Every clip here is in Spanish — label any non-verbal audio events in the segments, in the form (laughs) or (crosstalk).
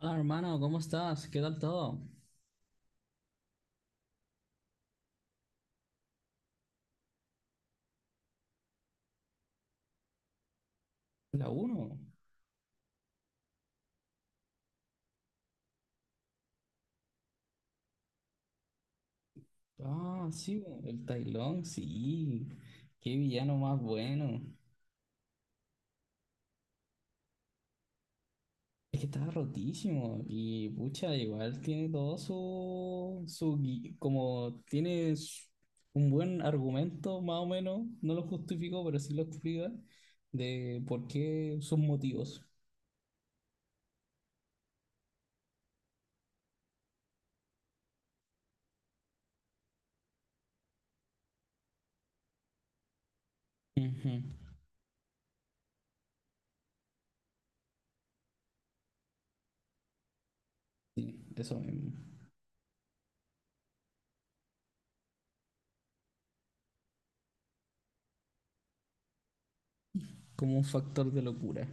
Hola hermano, ¿cómo estás? ¿Qué tal todo? La uno. Ah, sí, bo, el Tailón, sí. Qué villano más bueno. Es que estaba rotísimo. Y pucha, igual tiene todo como tiene un buen argumento, más o menos. No lo justifico pero sí lo explica. De por qué sus motivos. Ujú. Sí, eso mismo. Como un factor de locura.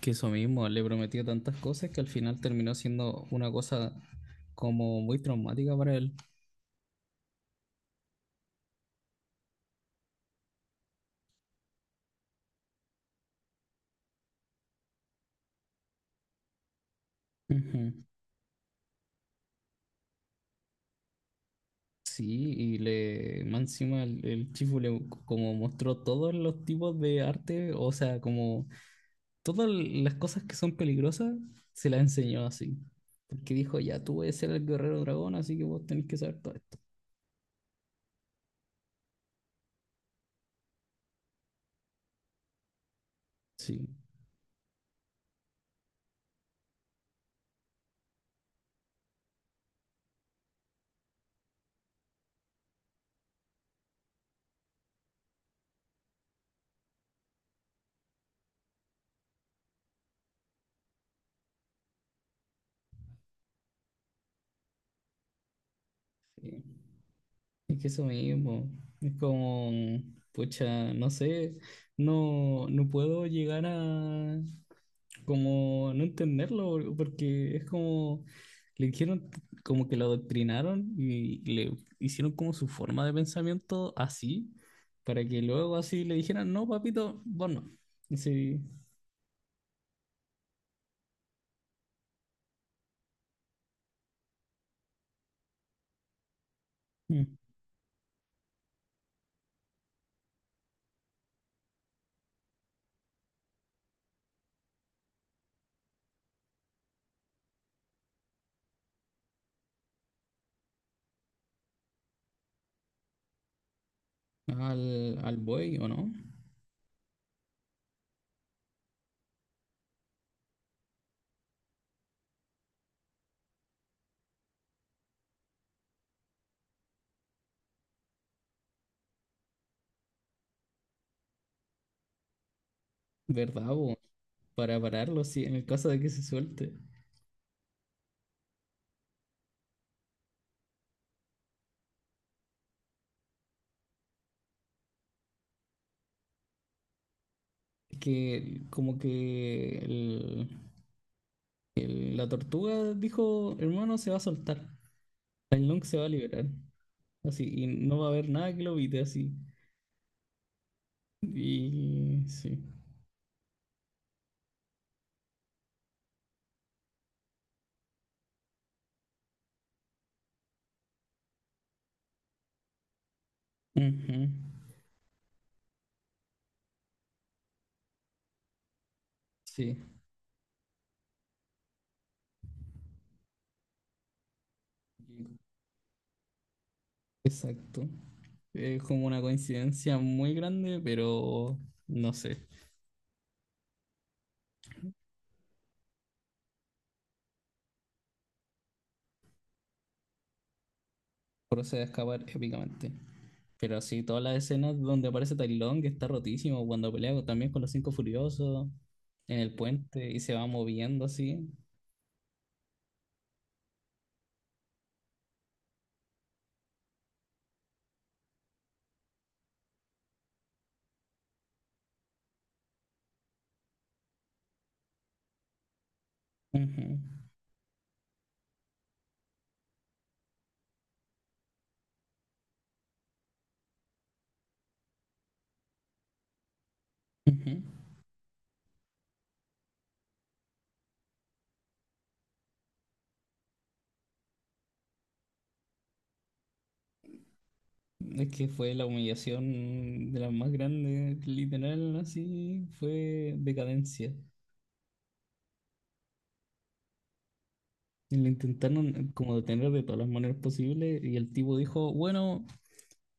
Que eso mismo, le prometió tantas cosas que al final terminó siendo una cosa como muy traumática para él. Ujú. Sí, y le, más encima el Chifu le como mostró todos los tipos de arte, o sea, como todas las cosas que son peligrosas, se las enseñó así. Porque dijo, ya tú eres el guerrero dragón, así que vos tenés que saber todo esto. Sí, sí. Es que eso mismo, es como, pucha, no sé, no puedo llegar a como no entenderlo, porque es como, le dijeron como que lo adoctrinaron y le hicieron como su forma de pensamiento así, para que luego así le dijeran, no, papito, vos no. Sí. Mm. Al buey, ¿o no? ¿Verdad, bo? Para pararlo, sí, en el caso de que se suelte. Que como que la tortuga dijo, hermano, se va a soltar. Tang Long se va a liberar. Así, y no va a haber nada que lo evite así. Y sí. Ujú. Sí, exacto. Es como una coincidencia muy grande, pero no sé. Procede a escapar épicamente. Pero sí, todas las escenas donde aparece Tai Lung, que está rotísimo, cuando pelea también con los Cinco Furiosos en el puente y se va moviendo así. Ujú, ujú. Es que fue la humillación de las más grandes, literal, así fue decadencia. Y lo intentaron como detener de todas las maneras posibles y el tipo dijo, bueno,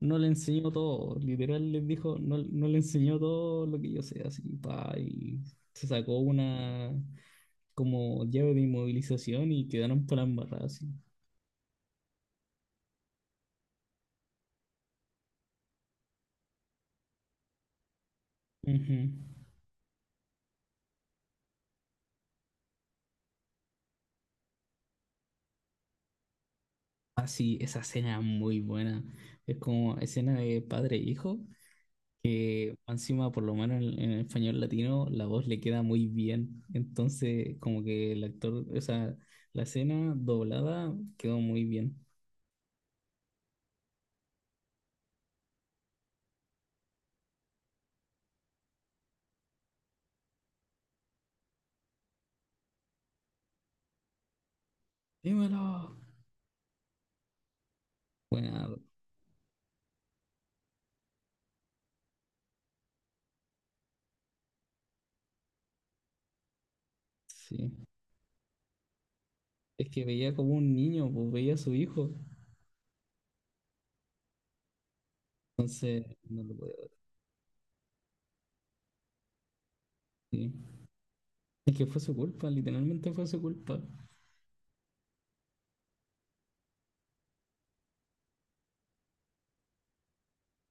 no le enseñó todo, literal les dijo, no, no le enseñó todo lo que yo sé, así, pa, y se sacó una como llave de inmovilización y quedaron para embarrar así. Ujú. Ah, sí, esa escena es muy buena. Es como escena de padre e hijo, que encima, por lo menos en el español latino, la voz le queda muy bien. Entonces, como que el actor, o sea, la escena doblada quedó muy bien. Dímelo. Bueno, sí. Es que veía como un niño, pues veía a su hijo. Entonces, no lo puedo decir. Es que fue su culpa, literalmente fue su culpa.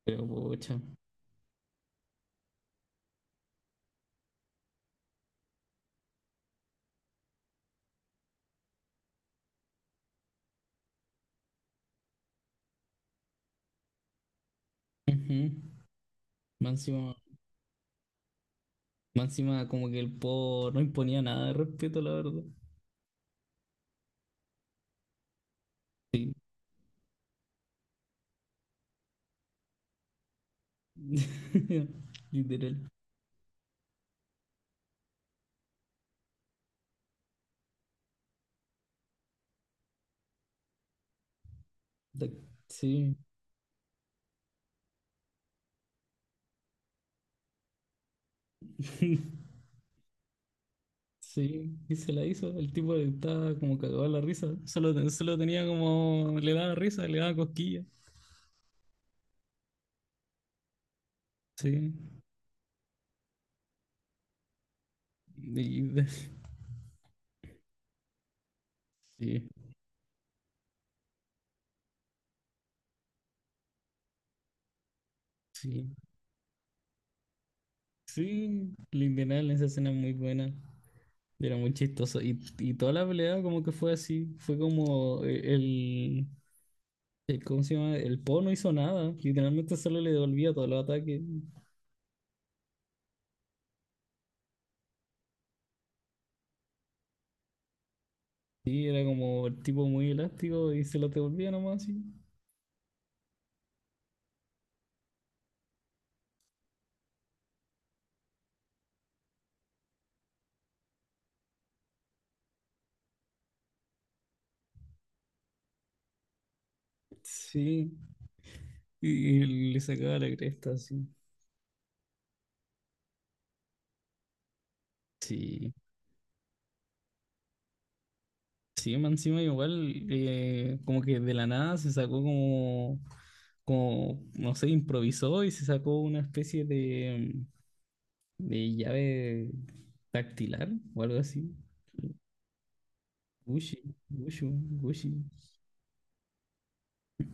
Pero, pucha. Ujú. Más encima, más encima como que el po no imponía nada de respeto, la verdad. Sí. (laughs) Literal. Da- Sí. (laughs) Sí, y se la hizo. El tipo estaba como cagado de la risa. Solo, solo tenía como. Le daba risa, le daba cosquillas. Sí. Y- y- (laughs) sí, sí. Sí, el Indianal en esa escena es muy buena. Era muy chistoso. Y toda la pelea, como que fue así. Fue como ¿Cómo se llama? El Po no hizo nada. Literalmente solo le devolvía todos los ataques. Sí, era como el tipo muy elástico y se los devolvía nomás, sí. Sí. Y le sacaba la cresta así. Sí, sí, más encima igual, como que de la nada se sacó como, como, no sé, improvisó y se sacó una especie de llave dactilar o algo así. Gucci, Gucci, Gucci.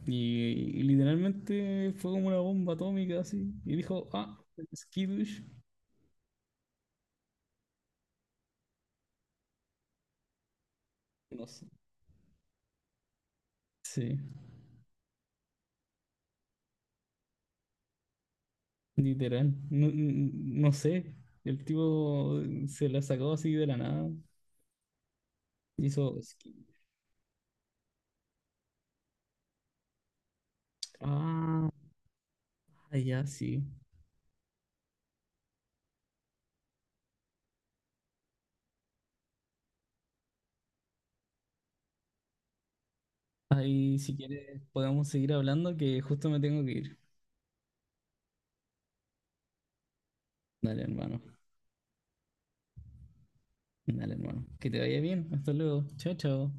Y literalmente fue como una bomba atómica así. Y dijo, ah, skidush. No sé. Sí. Literal, no, no sé. El tipo se la sacó así de la nada. Hizo skin. Ah, ya sí. Ahí, si quieres, podemos seguir hablando que justo me tengo que ir. Dale, hermano. Dale, hermano. Que te vaya bien. Hasta luego. Chao, chao.